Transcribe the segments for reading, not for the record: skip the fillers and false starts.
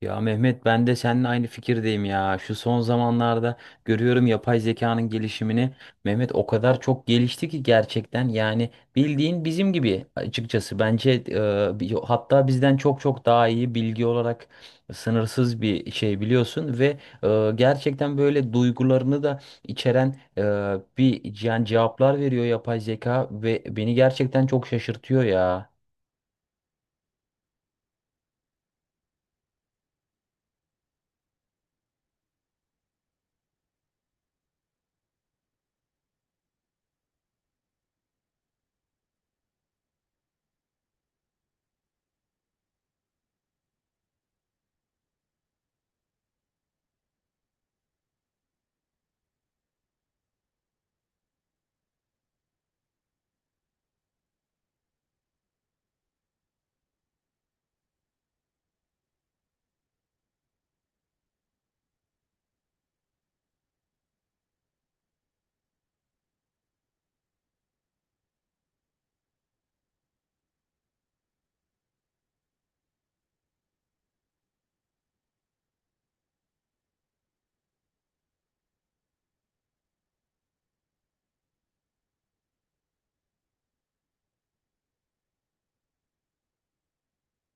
Ya Mehmet ben de seninle aynı fikirdeyim ya. Şu son zamanlarda görüyorum yapay zekanın gelişimini. Mehmet o kadar çok gelişti ki gerçekten yani bildiğin bizim gibi açıkçası. Bence hatta bizden çok çok daha iyi bilgi olarak sınırsız bir şey biliyorsun ve gerçekten böyle duygularını da içeren bir yani cevaplar veriyor yapay zeka ve beni gerçekten çok şaşırtıyor ya.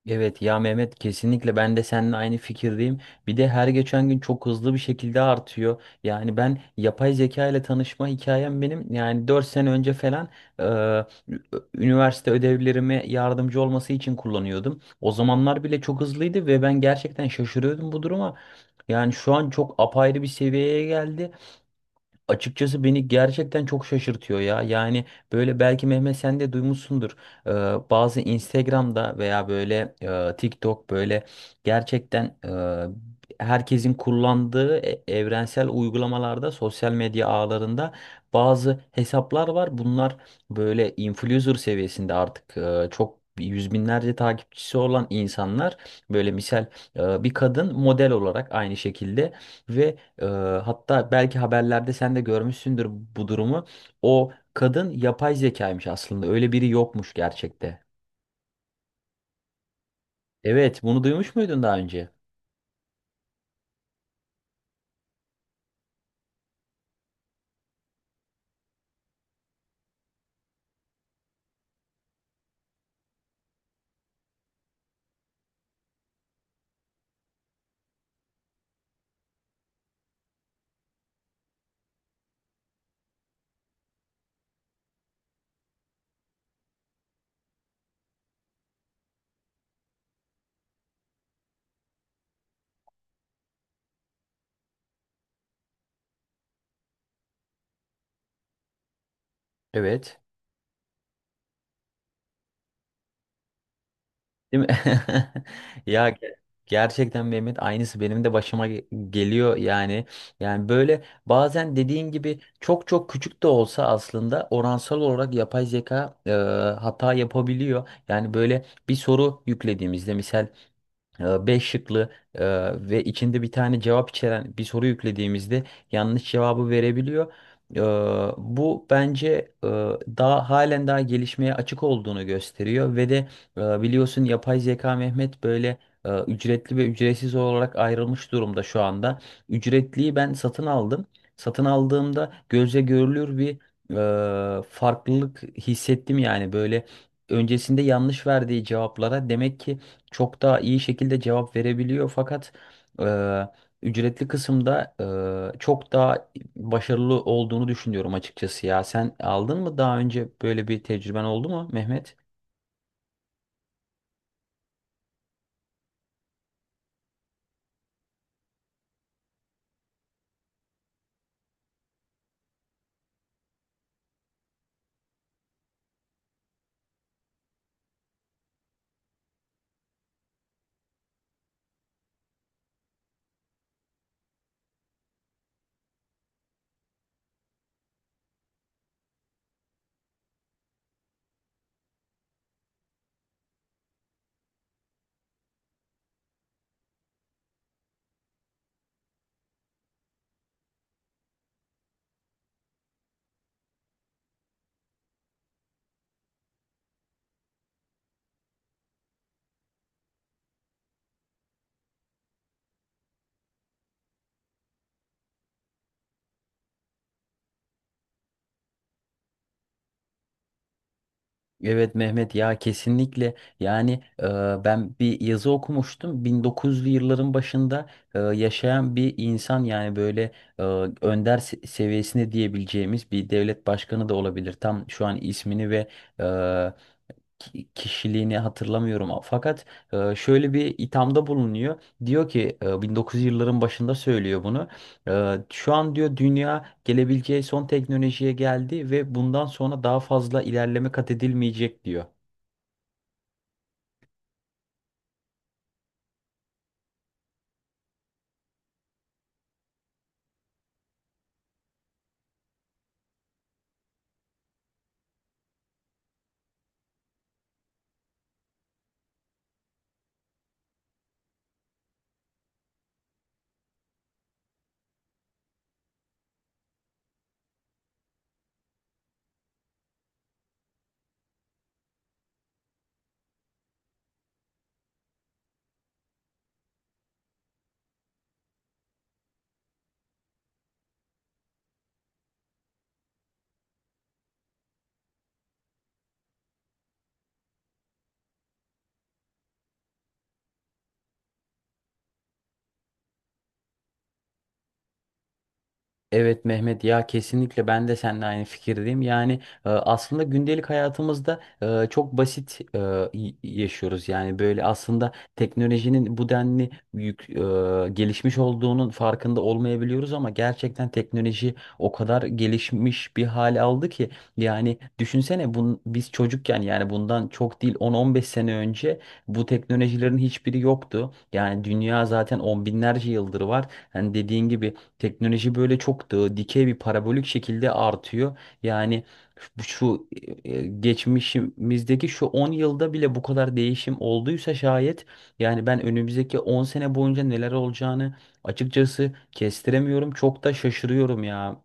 Evet ya Mehmet kesinlikle ben de seninle aynı fikirdeyim. Bir de her geçen gün çok hızlı bir şekilde artıyor. Yani ben yapay zeka ile tanışma hikayem benim yani 4 sene önce falan e, ü- üniversite ödevlerime yardımcı olması için kullanıyordum. O zamanlar bile çok hızlıydı ve ben gerçekten şaşırıyordum bu duruma. Yani şu an çok apayrı bir seviyeye geldi. Açıkçası beni gerçekten çok şaşırtıyor ya. Yani böyle belki Mehmet sen de duymuşsundur. Ee, bazı Instagram'da veya böyle TikTok böyle gerçekten herkesin kullandığı evrensel uygulamalarda, sosyal medya ağlarında bazı hesaplar var. Bunlar böyle influencer seviyesinde artık çok yüz binlerce takipçisi olan insanlar, böyle misal bir kadın model olarak aynı şekilde, ve ee, hatta belki haberlerde sen de görmüşsündür bu durumu. O kadın yapay zekaymış aslında. Öyle biri yokmuş gerçekte. Evet, bunu duymuş muydun daha önce? Evet. Değil mi? Ya gerçekten Mehmet aynısı benim de başıma geliyor yani. Yani böyle bazen dediğin gibi çok çok küçük de olsa aslında oransal olarak yapay zeka hata yapabiliyor. Yani böyle bir soru yüklediğimizde misal beş şıklı ve içinde bir tane cevap içeren bir soru yüklediğimizde yanlış cevabı verebiliyor. E, Bu bence e, daha halen daha gelişmeye açık olduğunu gösteriyor ve de biliyorsun yapay zeka Mehmet böyle ücretli ve ücretsiz olarak ayrılmış durumda şu anda. Ücretliyi ben satın aldım. Satın aldığımda gözle görülür bir farklılık hissettim. Yani böyle öncesinde yanlış verdiği cevaplara demek ki çok daha iyi şekilde cevap verebiliyor, fakat eee, ücretli kısımda çok daha başarılı olduğunu düşünüyorum açıkçası ya. Sen aldın mı daha önce, böyle bir tecrüben oldu mu Mehmet? Evet Mehmet ya kesinlikle. Yani ben bir yazı okumuştum. 1900'lü yılların başında yaşayan bir insan, yani böyle eee, önder seviyesinde diyebileceğimiz bir devlet başkanı da olabilir, tam şu an ismini ve kişiliğini hatırlamıyorum. Fakat şöyle bir ithamda bulunuyor. Diyor ki 1900 yılların başında söylüyor bunu. Şu an diyor dünya gelebileceği son teknolojiye geldi ve bundan sonra daha fazla ilerleme kat edilmeyecek diyor. Evet Mehmet ya kesinlikle ben de seninle aynı fikirdeyim. Yani aslında gündelik hayatımızda çok basit yaşıyoruz. Yani böyle aslında teknolojinin bu denli büyük gelişmiş olduğunun farkında olmayabiliyoruz, ama gerçekten teknoloji o kadar gelişmiş bir hale aldı ki, yani düşünsene, biz çocukken, yani bundan çok değil 10-15 sene önce bu teknolojilerin hiçbiri yoktu. Yani dünya zaten on binlerce yıldır var. Hani dediğin gibi, teknoloji böyle çok da dikey bir parabolik şekilde artıyor. Yani şu şu, geçmişimizdeki şu 10 yılda bile bu kadar değişim olduysa şayet, yani ben önümüzdeki 10 sene boyunca neler olacağını açıkçası kestiremiyorum. Çok da şaşırıyorum ya.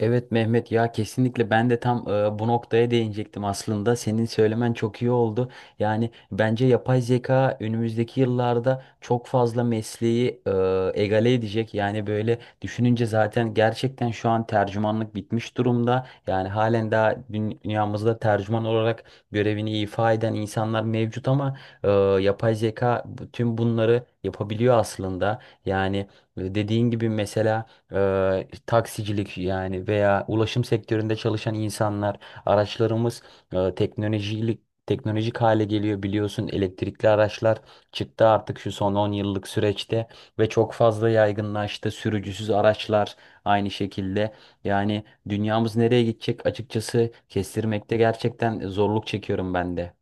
Evet Mehmet ya kesinlikle, ben de tam bu noktaya değinecektim aslında. Senin söylemen çok iyi oldu. Yani bence yapay zeka önümüzdeki yıllarda çok fazla mesleği egale edecek. Yani böyle düşününce zaten gerçekten şu an tercümanlık bitmiş durumda. Yani halen daha dünyamızda tercüman olarak görevini ifa eden insanlar mevcut, ama e, yapay zeka tüm bunları yapabiliyor aslında. Yani dediğin gibi mesela taksicilik, yani veya ulaşım sektöründe çalışan insanlar, araçlarımız teknolojilik teknolojik hale geliyor, biliyorsun elektrikli araçlar çıktı artık şu son 10 yıllık süreçte ve çok fazla yaygınlaştı, sürücüsüz araçlar aynı şekilde. Yani dünyamız nereye gidecek açıkçası kestirmekte gerçekten zorluk çekiyorum ben de.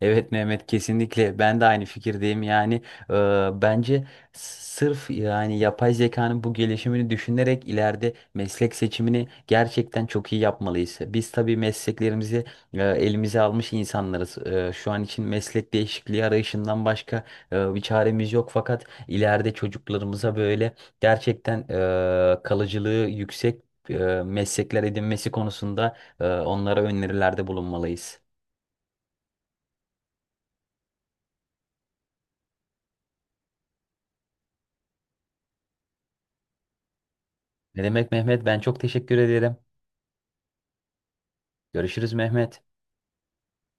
Evet Mehmet, kesinlikle ben de aynı fikirdeyim. Yani e, bence sırf yani yapay zekanın bu gelişimini düşünerek ileride meslek seçimini gerçekten çok iyi yapmalıyız. Biz tabii mesleklerimizi elimize almış insanlarız. Şu an için meslek değişikliği arayışından başka bir çaremiz yok, fakat ileride çocuklarımıza böyle gerçekten kalıcılığı yüksek e, meslekler edinmesi konusunda onlara önerilerde bulunmalıyız. Ne demek Mehmet? Ben çok teşekkür ederim. Görüşürüz Mehmet.